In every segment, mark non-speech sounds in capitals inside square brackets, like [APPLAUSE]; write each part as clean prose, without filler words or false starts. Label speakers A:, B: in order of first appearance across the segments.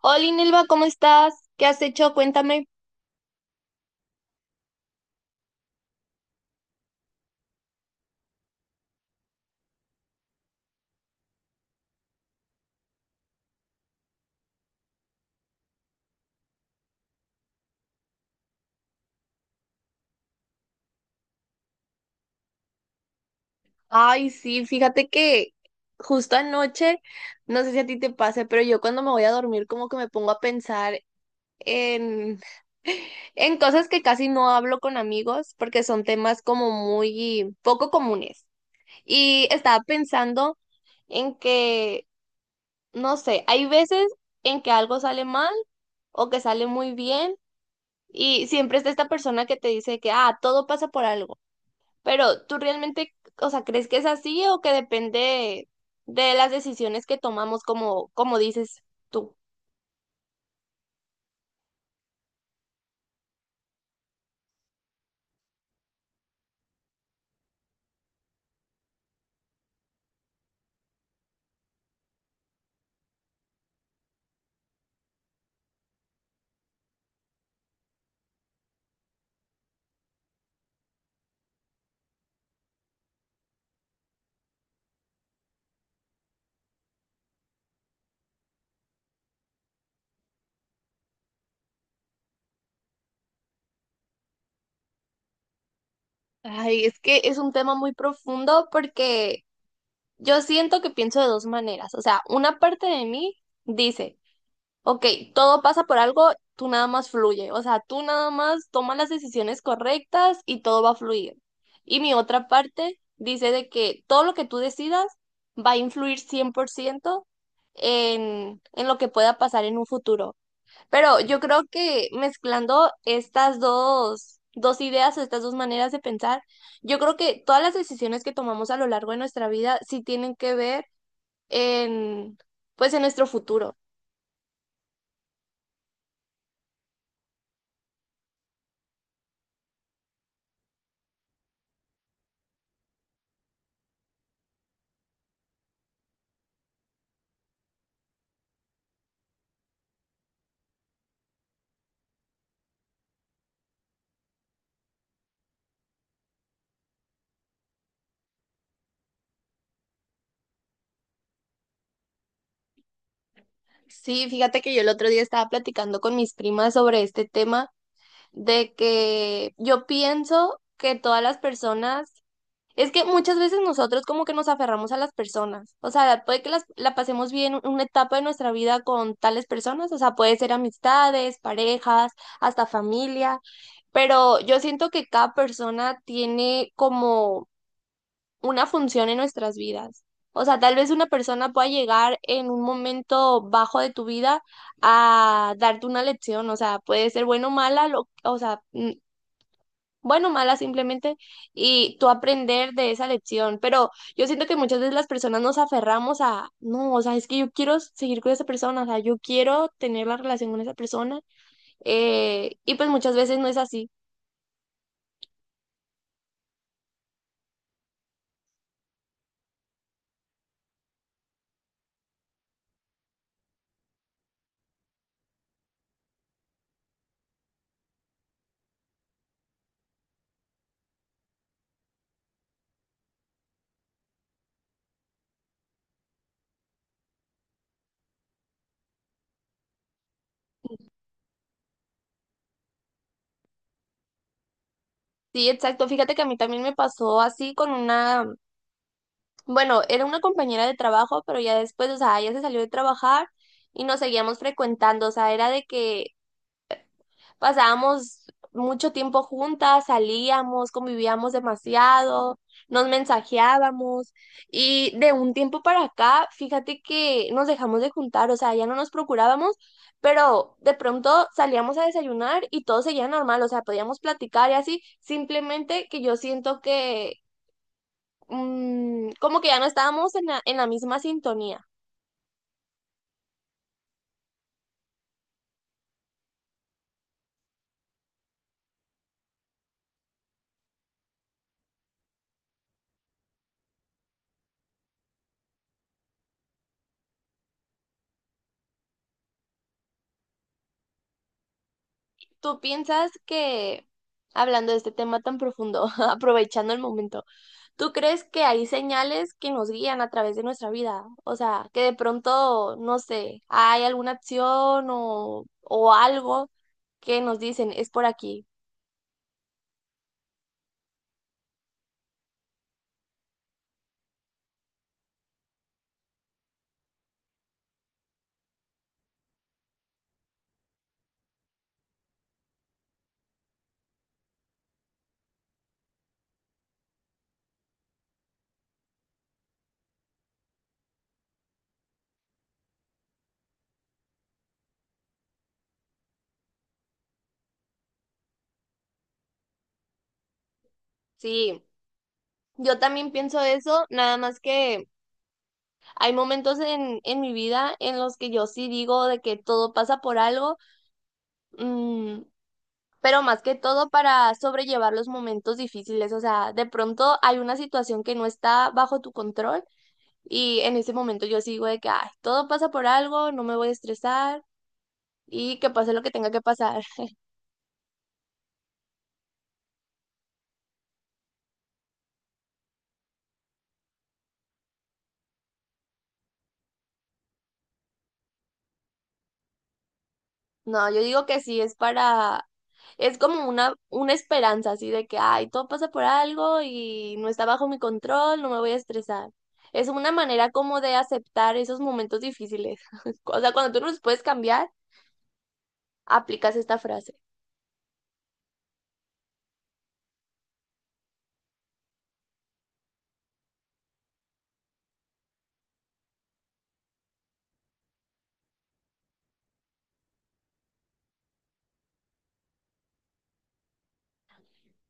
A: Hola, Nelva, ¿cómo estás? ¿Qué has hecho? Cuéntame. Ay, sí, fíjate que justo anoche, no sé si a ti te pase, pero yo cuando me voy a dormir como que me pongo a pensar en, [LAUGHS] en cosas que casi no hablo con amigos porque son temas como muy poco comunes. Y estaba pensando en que, no sé, hay veces en que algo sale mal o que sale muy bien y siempre está esta persona que te dice que, ah, todo pasa por algo. Pero tú realmente, o sea, ¿crees que es así o que depende de las decisiones que tomamos, como, como dices tú? Ay, es que es un tema muy profundo porque yo siento que pienso de dos maneras. O sea, una parte de mí dice, ok, todo pasa por algo, tú nada más fluye, o sea, tú nada más tomas las decisiones correctas y todo va a fluir. Y mi otra parte dice de que todo lo que tú decidas va a influir 100% en lo que pueda pasar en un futuro. Pero yo creo que mezclando estas dos ideas o estas dos maneras de pensar, yo creo que todas las decisiones que tomamos a lo largo de nuestra vida sí tienen que ver en, pues, en nuestro futuro. Sí, fíjate que yo el otro día estaba platicando con mis primas sobre este tema de que yo pienso que todas las personas, es que muchas veces nosotros como que nos aferramos a las personas, o sea, puede que las, la pasemos bien una etapa de nuestra vida con tales personas, o sea, puede ser amistades, parejas, hasta familia, pero yo siento que cada persona tiene como una función en nuestras vidas. O sea, tal vez una persona pueda llegar en un momento bajo de tu vida a darte una lección. O sea, puede ser bueno o mala, o sea, bueno o mala simplemente, y tú aprender de esa lección. Pero yo siento que muchas veces las personas nos aferramos a, no, o sea, es que yo quiero seguir con esa persona, o sea, yo quiero tener la relación con esa persona. Y pues muchas veces no es así. Sí, exacto. Fíjate que a mí también me pasó así con una Bueno, era una compañera de trabajo, pero ya después, o sea, ella se salió de trabajar y nos seguíamos frecuentando, o sea, era de que pasábamos mucho tiempo juntas, salíamos, convivíamos demasiado, nos mensajeábamos y de un tiempo para acá, fíjate que nos dejamos de juntar, o sea, ya no nos procurábamos, pero de pronto salíamos a desayunar y todo seguía normal, o sea, podíamos platicar y así, simplemente que yo siento que como que ya no estábamos en la misma sintonía. ¿Tú piensas que, hablando de este tema tan profundo, [LAUGHS] aprovechando el momento, ¿tú crees que hay señales que nos guían a través de nuestra vida? O sea, que de pronto, no sé, hay alguna acción o algo que nos dicen, es por aquí. Sí. Yo también pienso eso, nada más que hay momentos en mi vida en los que yo sí digo de que todo pasa por algo, mm, pero más que todo para sobrellevar los momentos difíciles. O sea, de pronto hay una situación que no está bajo tu control y en ese momento yo sigo de que, ay, todo pasa por algo, no me voy a estresar y que pase lo que tenga que pasar. [LAUGHS] No, yo digo que sí, es para, es como una esperanza así de que, ay, todo pasa por algo y no está bajo mi control, no me voy a estresar. Es una manera como de aceptar esos momentos difíciles. [LAUGHS] O sea, cuando tú no los puedes cambiar, aplicas esta frase.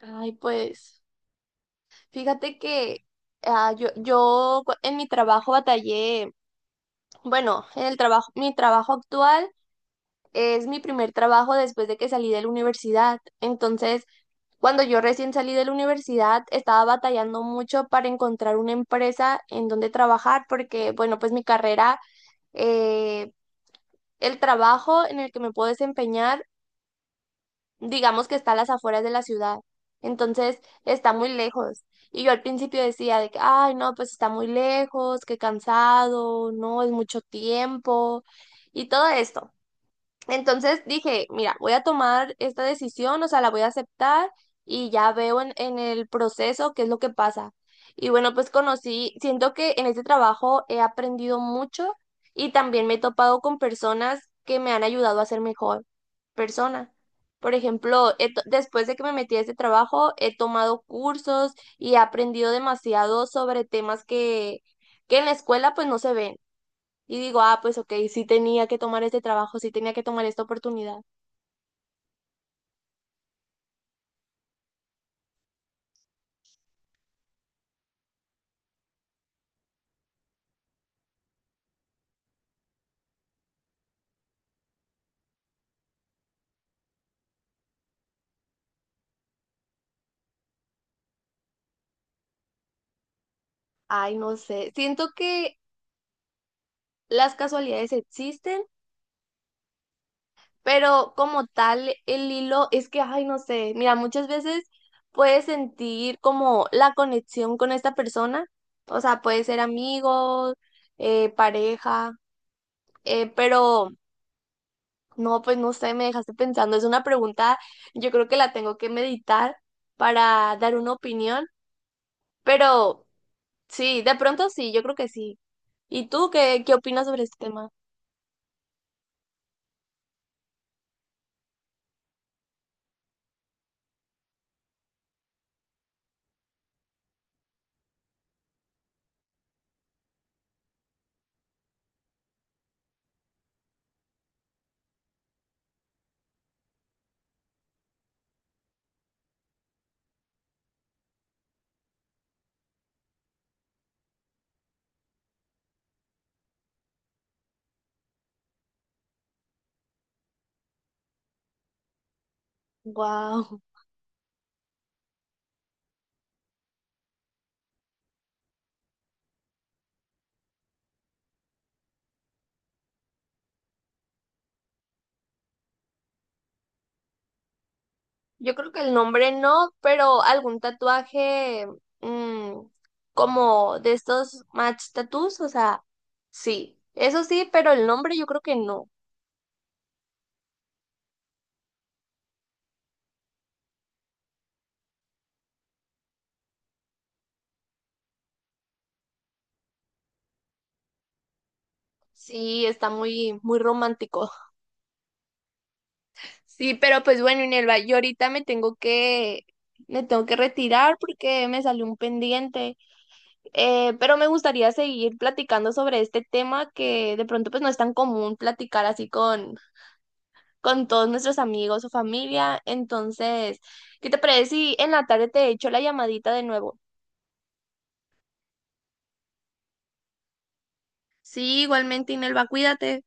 A: Ay, pues fíjate que yo en mi trabajo batallé, bueno, en el trabajo, mi trabajo actual es mi primer trabajo después de que salí de la universidad. Entonces, cuando yo recién salí de la universidad, estaba batallando mucho para encontrar una empresa en donde trabajar, porque, bueno, pues mi carrera, eh, el trabajo en el que me puedo desempeñar digamos que está a las afueras de la ciudad, entonces está muy lejos. Y yo al principio decía de que, ay, no, pues está muy lejos, qué cansado, no, es mucho tiempo y todo esto. Entonces dije, mira, voy a tomar esta decisión, o sea, la voy a aceptar y ya veo en el proceso qué es lo que pasa. Y bueno, pues conocí, siento que en este trabajo he aprendido mucho y también me he topado con personas que me han ayudado a ser mejor persona. Por ejemplo, después de que me metí a este trabajo, he tomado cursos y he aprendido demasiado sobre temas que en la escuela pues no se ven. Y digo, ah, pues ok, sí tenía que tomar este trabajo, sí tenía que tomar esta oportunidad. Ay, no sé, siento que las casualidades existen, pero como tal, el hilo es que, ay, no sé, mira, muchas veces puedes sentir como la conexión con esta persona, o sea, puede ser amigos, pareja, pero no, pues no sé, me dejaste pensando, es una pregunta, yo creo que la tengo que meditar para dar una opinión, pero... Sí, de pronto sí, yo creo que sí. ¿Y tú qué, qué opinas sobre este tema? Wow. [LAUGHS] Yo creo que el nombre no, pero algún tatuaje mm, como de estos match tattoos, o sea, sí. Eso sí, pero el nombre yo creo que no. Sí, está muy, muy romántico. [LAUGHS] Sí, pero pues bueno, Inelva, yo ahorita me tengo que retirar porque me salió un pendiente. Pero me gustaría seguir platicando sobre este tema que de pronto pues no es tan común platicar así con todos nuestros amigos o familia. Entonces, ¿qué te parece si en la tarde te echo la llamadita de nuevo? Sí, igualmente, Inelva, cuídate.